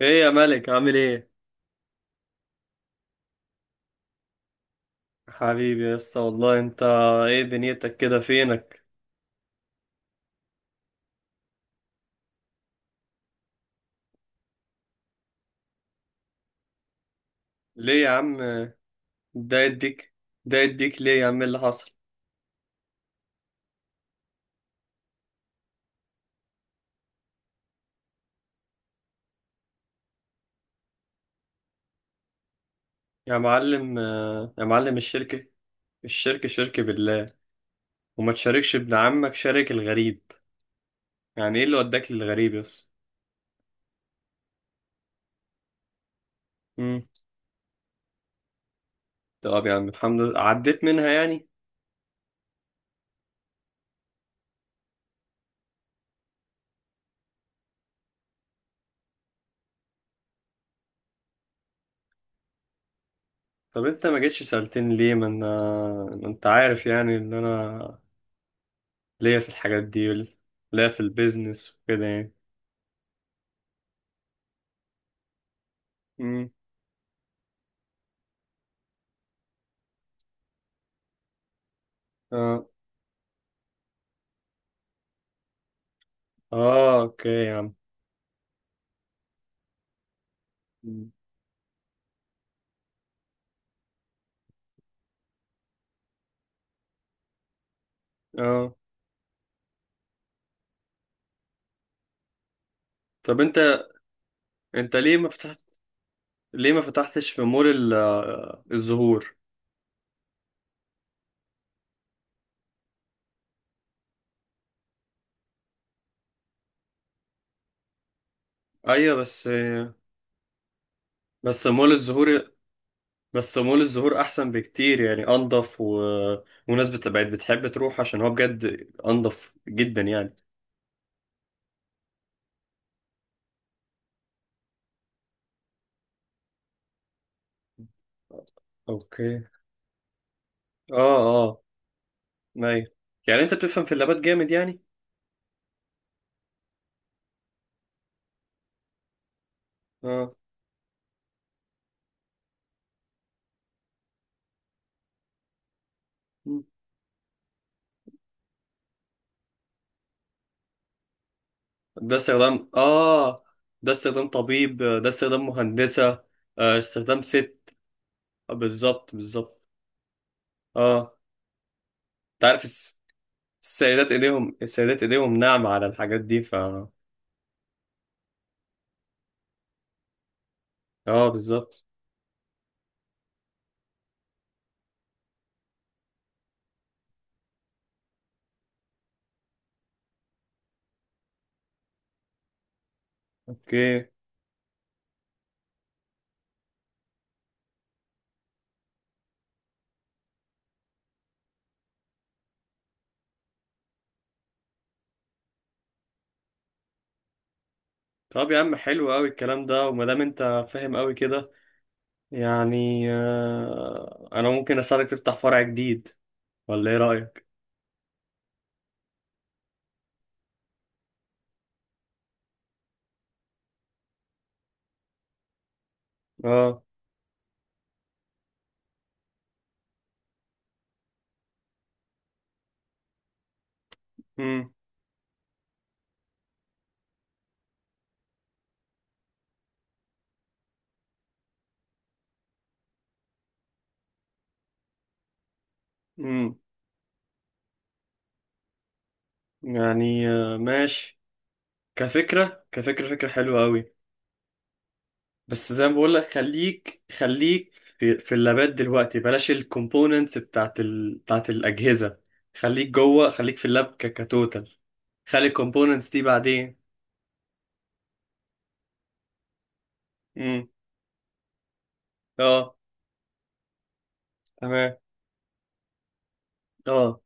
ايه يا ملك عامل ايه؟ حبيبي يا اسطى، والله انت. ايه دنيتك كده؟ فينك؟ ليه يا عم؟ دايت بيك دايت بيك ليه يا عم؟ اللي حصل؟ يا معلم الشركة؟ الشركة، شركة بالله؟ وما تشاركش ابن عمك، شارك الغريب؟ يعني ايه اللي وداك للغريب يا اسطى؟ امم. طب يا عم، الحمد لله عديت منها يعني. طب انت ما جيتش سألتني ليه؟ ما انا، ما انت عارف يعني ان انا ليا في الحاجات دي ليا في البيزنس وكده يعني. امم. اه، اوكي يا عم. مم. اه. طب انت ليه ما فتحتش في مول الزهور؟ ايوه، بس مول الزهور بس مول الزهور احسن بكتير، يعني انضف وناس بقت بتحب تروح، عشان هو بجد انضف جدا يعني. اوكي. اه، اه. ايوه. يعني انت بتفهم في اللابات جامد يعني. اه. مم. ده استخدام اه ده استخدام طبيب، ده استخدام مهندسة، استخدام ست. بالظبط، بالظبط. اه، انت عارف السيدات ايديهم ناعمة على الحاجات دي اه، بالظبط. اوكي. طب يا عم، حلو قوي الكلام ده، وما دام انت فاهم قوي كده، يعني انا ممكن اساعدك تفتح فرع جديد، ولا ايه رأيك؟ اه. امم. امم. يعني ماشي. كفكرة فكرة حلوة قوي. بس زي ما بقول لك، خليك في اللابات دلوقتي، بلاش الكومبوننتس بتاعت الأجهزة. خليك جوه، خليك في اللاب كتوتال. خلي الكومبوننتس دي بعدين. امم. اه. تمام. اه.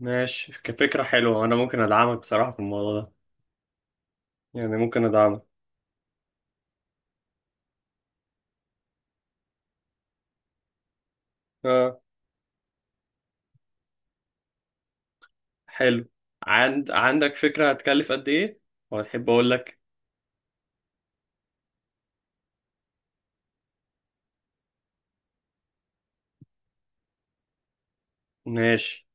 ماشي، كفكرة حلوة. انا ممكن ادعمك بصراحة في الموضوع ده. يعني ممكن ادعمك. اه، حلو. عندك فكرة هتكلف قد ايه؟ وهتحب اقول لك؟ ماشي.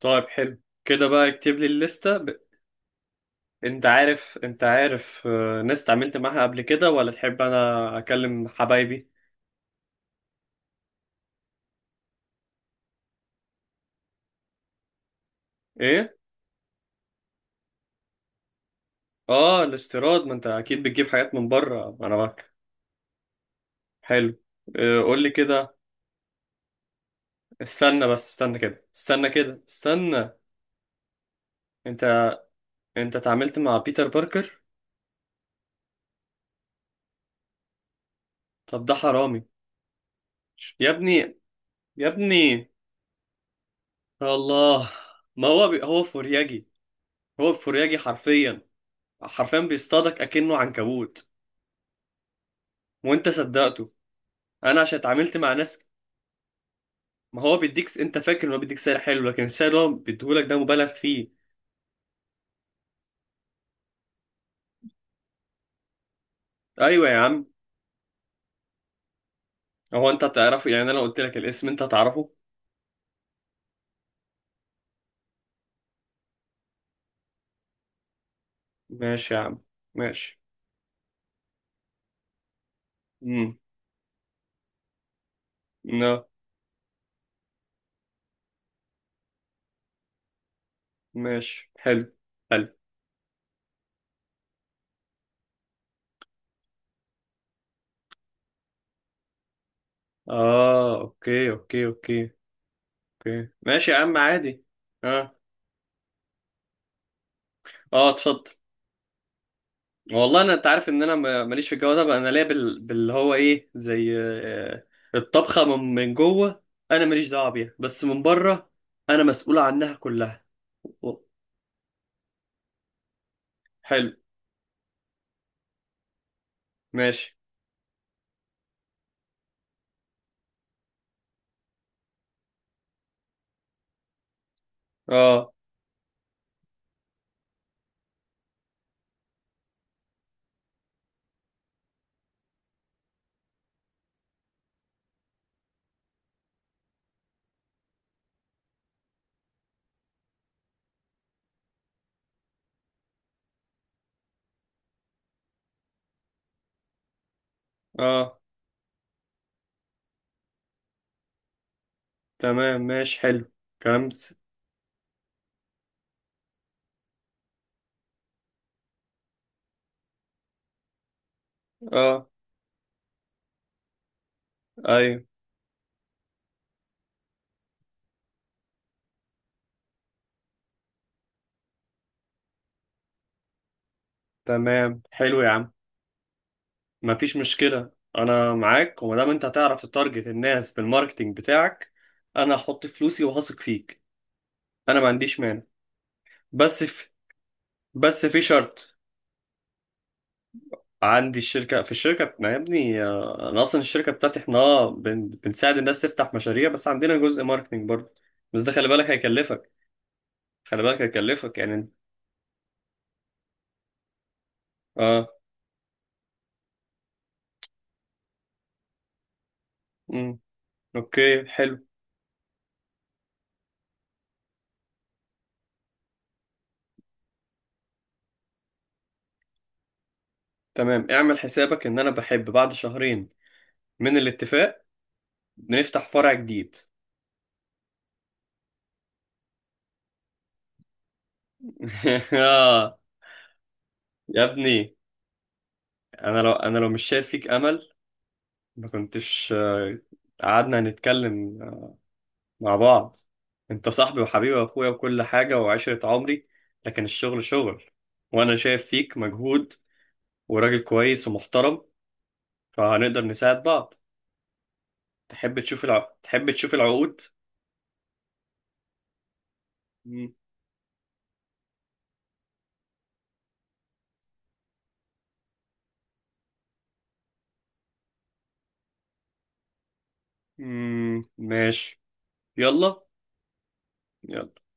طيب حلو كده بقى، اكتب لي الليستة. انت عارف ناس اتعاملت معاها قبل كده، ولا تحب انا اكلم حبايبي؟ ايه. اه. الاستيراد، ما انت اكيد بتجيب حاجات من بره، انا معاك. حلو. قول لي كده. استنى بس، استنى كده، استنى كده، استنى. انت انت اتعاملت مع بيتر باركر؟ طب ده حرامي. يا ابني، يا ابني، يا الله. ما هو هو فورياجي. هو فورياجي حرفيا. حرفيا بيصطادك اكنه عنكبوت. وانت صدقته. انا عشان اتعاملت مع ناس. ما هو بيديك، انت فاكر انه بيديك سعر حلو، لكن السعر اللي هو بيديهولك ده مبالغ فيه. ايوه يا عم. هو انت هتعرفه؟ يعني انا لو قلت لك الاسم انت هتعرفه. ماشي يا عم. ماشي. امم. لا. ماشي، حلو. حلو. اه، اوكي، اوكي، اوكي. اوكي، ماشي يا عم، عادي. اه، اه. اتفضل. والله انا، انت عارف ان انا ماليش في الجو ده بقى. انا ليا باللي هو ايه، زي الطبخه من جوه. انا ماليش دعوه بيها، بس من بره انا مسؤول عنها كلها. و- حلو. ماشي. اه. اه. تمام. ماشي حلو. كمس. اه. ايوه. تمام، حلو يا عم. مفيش مشكلة. انا معاك، وما دام انت هتعرف تتارجت الناس بالماركتينج بتاعك، انا هحط فلوسي وهثق فيك. انا ما عنديش مانع. بس في بس في شرط. عندي الشركة، في الشركة، ما يا ابني، انا اصلا الشركة بتاعتي، احنا بنساعد الناس تفتح مشاريع، بس عندنا جزء ماركتينج برضه. بس ده، خلي بالك هيكلفك. خلي بالك هيكلفك يعني. اه. امم. اوكي، حلو. تمام، اعمل حسابك ان انا بحب بعد شهرين من الاتفاق بنفتح فرع جديد. آه، يا ابني. انا لو مش شايف فيك امل، ما كنتش قعدنا نتكلم مع بعض. انت صاحبي وحبيبي واخويا وكل حاجة وعشرة عمري، لكن الشغل شغل. وانا شايف فيك مجهود، وراجل كويس ومحترم، فهنقدر نساعد بعض. تحب تشوف العقود؟ مم. مم، ماشي. يلا. يلا.